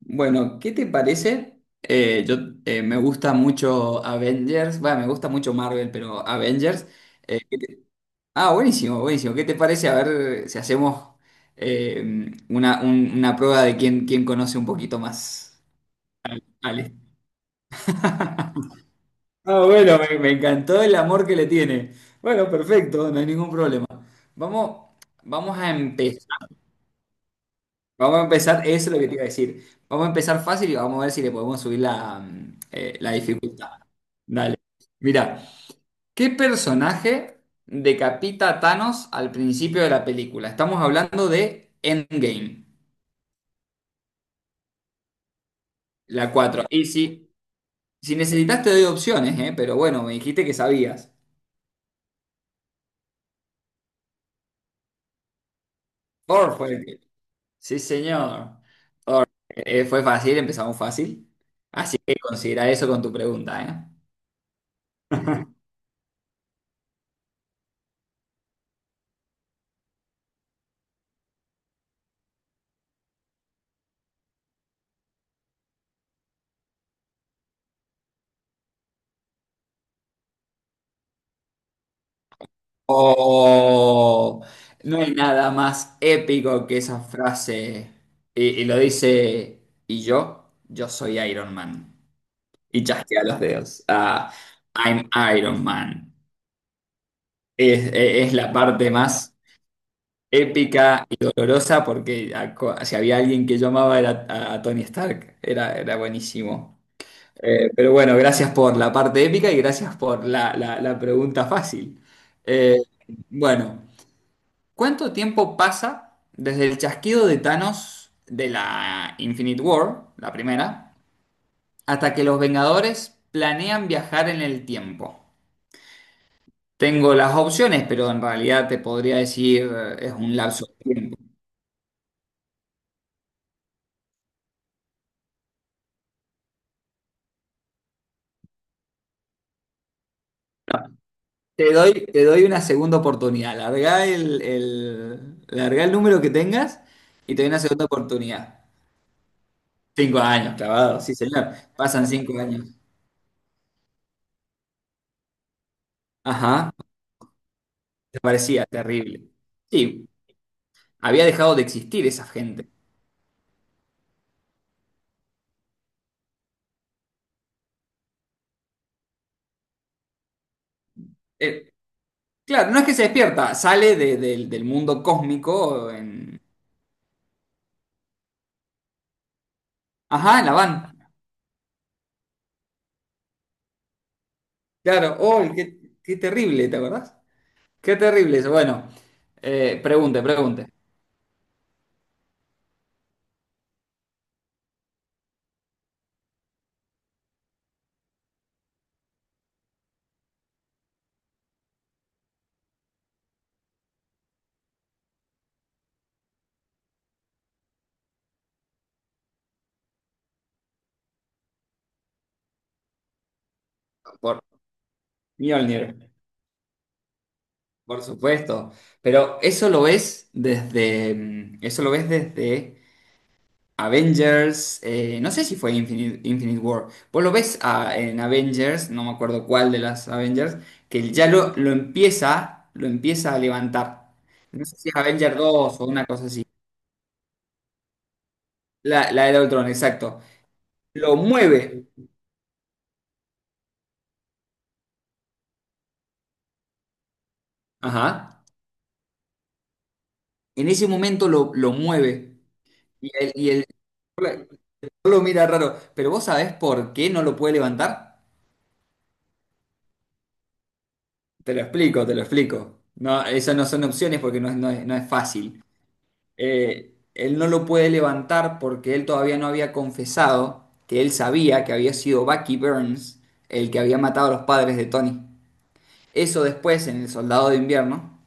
Bueno, ¿qué te parece? Yo Me gusta mucho Avengers, bueno, me gusta mucho Marvel, pero Avengers. eh, ah, buenísimo, buenísimo. ¿Qué te parece? A ver si hacemos una prueba de quién conoce un poquito más. Vale. Ah, bueno, me encantó el amor que le tiene. Bueno, perfecto, no hay ningún problema. Vamos, vamos a empezar. Vamos a empezar, eso es lo que te iba a decir. Vamos a empezar fácil y vamos a ver si le podemos subir la dificultad. Dale. Mira, ¿qué personaje decapita a Thanos al principio de la película? Estamos hablando de Endgame, la 4. Y si necesitas te doy opciones, ¿eh? Pero bueno, me dijiste que sabías. Thor fue el que- Sí, señor. Fue fácil, empezamos fácil. Así que considera eso con tu pregunta, ¿eh? Oh, no hay nada más épico que esa frase. Y lo dice, y yo soy Iron Man. Y chasquea los dedos. Ah, I'm Iron Man. Es, es- es la parte más épica y dolorosa porque si había alguien que yo amaba era a Tony Stark. Era buenísimo. Pero bueno, gracias por la parte épica y gracias por la pregunta fácil. Eh, bueno. ¿Cuánto tiempo pasa desde el chasquido de Thanos de la Infinite War, la primera, hasta que los Vengadores planean viajar en el tiempo? Tengo las opciones, pero en realidad te podría decir es un lapso de tiempo. Te doy una segunda oportunidad. Largá el número que tengas y te doy una segunda oportunidad. 5 años, clavado, sí, señor. Pasan 5 años. Ajá, te parecía terrible. Sí, había dejado de existir esa gente. Eh, claro, no es que se despierta, sale del mundo cósmico en... Ajá, en la van. Claro, oh, qué terrible, ¿te acordás? Qué terrible eso. Bueno, pregunte, pregunte. Por Mjolnir, por supuesto. Eso lo ves desde Avengers, no sé si fue Infinite War. Vos lo ves en Avengers, no me acuerdo cuál de las Avengers, que ya lo empieza a levantar. No sé si es Avengers 2 o una cosa así. La era de Ultron, exacto. Lo mueve. Ajá. En ese momento lo mueve. Y él lo mira raro. Pero vos sabés por qué no lo puede levantar. Te lo explico, te lo explico. No, esas no son opciones porque no, es- no es no es fácil. Él no lo puede levantar porque él todavía no había confesado que él sabía que había sido Bucky Burns el que había matado a los padres de Tony. Eso después en El Soldado de Invierno,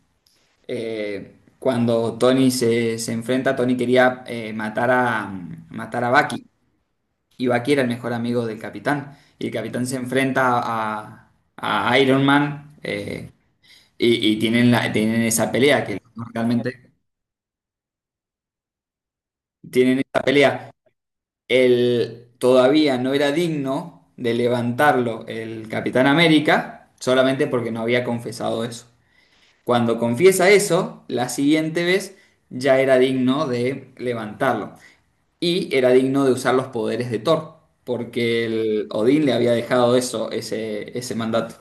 cuando Tony se enfrenta, Tony quería matar a Bucky y Bucky era el mejor amigo del capitán. Y el capitán se enfrenta a Iron Man y tienen, tienen esa pelea que realmente tienen esa pelea. Él todavía no era digno de levantarlo el Capitán América solamente porque no había confesado eso. Cuando confiesa eso, la siguiente vez ya era digno de levantarlo y era digno de usar los poderes de Thor porque el Odín le había dejado ese mandato.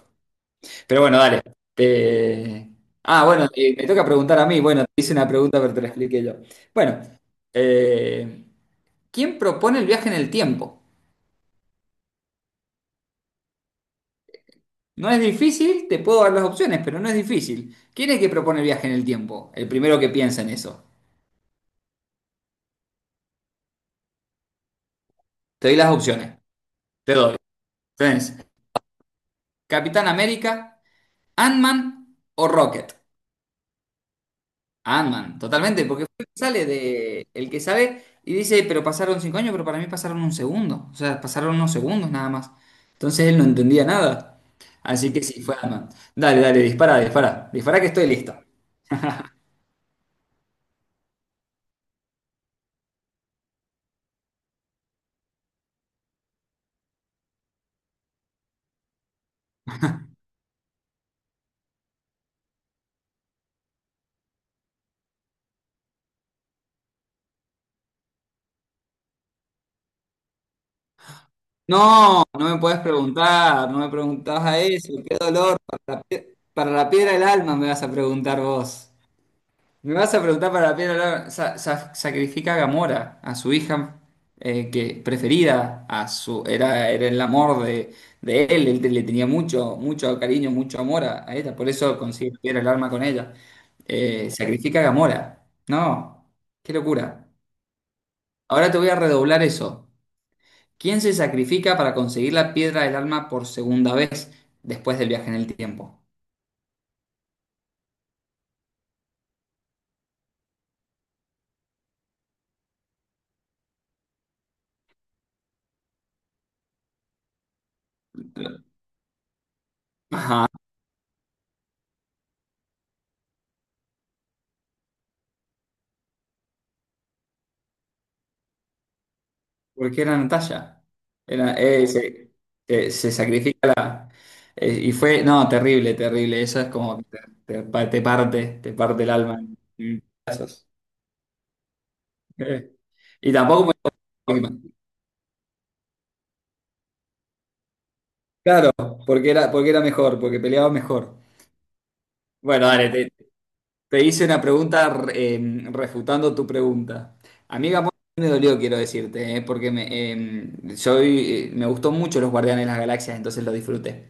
Pero bueno, dale. Te- Ah, bueno, y me toca preguntar a mí. Bueno, te hice una pregunta, pero te la expliqué yo. Bueno, eh, ¿quién propone el viaje en el tiempo? No es difícil, te puedo dar las opciones, pero no es difícil. ¿Quién es el que propone el viaje en el tiempo? El primero que piensa en eso. Te doy las opciones. Te doy. Tenés Capitán América, Ant-Man o Rocket. Ant-Man, totalmente, porque fue el que sale de el que sabe y dice, pero pasaron 5 años, pero para mí pasaron un segundo. O sea, pasaron unos segundos nada más. Entonces él no entendía nada. Así que sí, fue Ant-Man. Dale, dale, dispara, dispara. Dispara que estoy listo. No, no me puedes preguntar, no me preguntabas a eso, qué dolor, para la piedra del alma me vas a preguntar vos. Me vas a preguntar para la piedra del alma, sacrifica a Gamora, a su hija que preferida, era el amor de él, él le tenía mucho, mucho cariño, mucho amor a ella, por eso consigue la piedra del alma con ella. Sacrifica a Gamora, no, qué locura. Ahora te voy a redoblar eso. ¿Quién se sacrifica para conseguir la piedra del alma por segunda vez después del viaje en el tiempo? Ajá, porque era Natalia. Era, eh, se, se sacrifica la. Y fue, no, terrible, terrible. Eso es como que te parte el alma en pedazos. Eh, Y tampoco me- Claro, porque era, mejor, porque peleaba mejor. Bueno, dale. Te hice una pregunta refutando tu pregunta. Amiga, me dolió, quiero decirte, me gustó mucho los Guardianes de las Galaxias, entonces lo disfruté.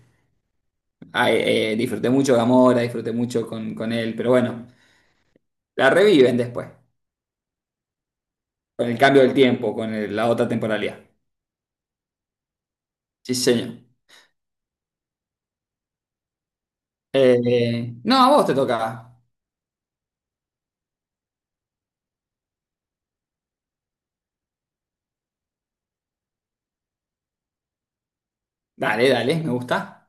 Ah, disfruté mucho Gamora, disfruté mucho con él, pero bueno, la reviven después, con el cambio del tiempo, la otra temporalidad. Sí, señor. No, a vos te toca. Dale, dale, me gusta.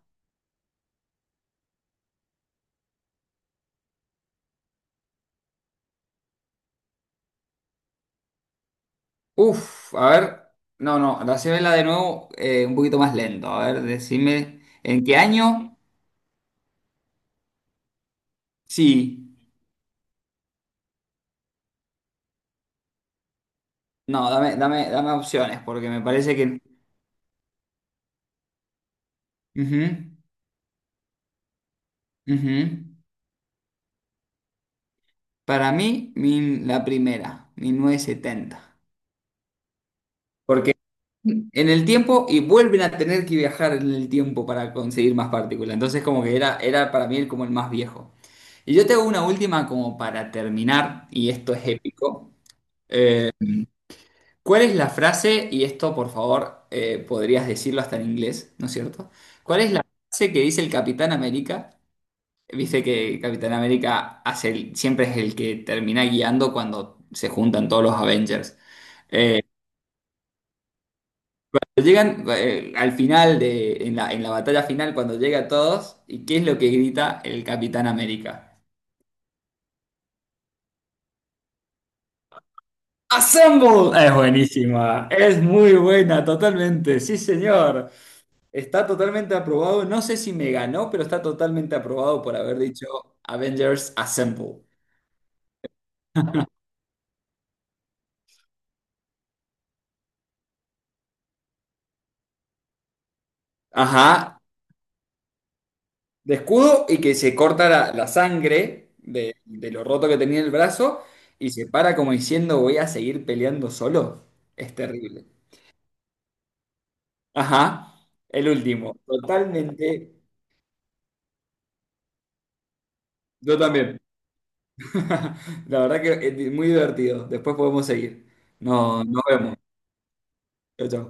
Uf, a ver. No, no, la de nuevo un poquito más lento. A ver, decime, ¿en qué año? Sí, no, dame, dame, dame opciones, porque me parece que... Ujú, ujú. Para mí, la primera, 1970. Porque en el tiempo, y vuelven a tener que viajar en el tiempo para conseguir más partículas. Entonces, como que era para mí como el más viejo. Y yo tengo una última como para terminar, y esto es épico. ¿Cuál es la frase, y esto por favor podrías decirlo hasta en inglés, ¿no es cierto? ¿Cuál es la frase que dice el Capitán América? Viste que Capitán América hace siempre es el que termina guiando cuando se juntan todos los Avengers. Eh, Llegan al final en la batalla final, cuando llega a todos, ¿y qué es lo que grita el Capitán América? ¡Assemble! Es buenísima, es muy buena, totalmente, sí señor. Está totalmente aprobado, no sé si me ganó, pero está totalmente aprobado por haber dicho Avengers Assemble. Ajá, de escudo y que se corta la sangre de lo roto que tenía el brazo y se para como diciendo voy a seguir peleando solo. Es terrible. Ajá, el último. Totalmente. Yo también. La verdad que es muy divertido. Después podemos seguir. No, nos vemos. Chao, chao.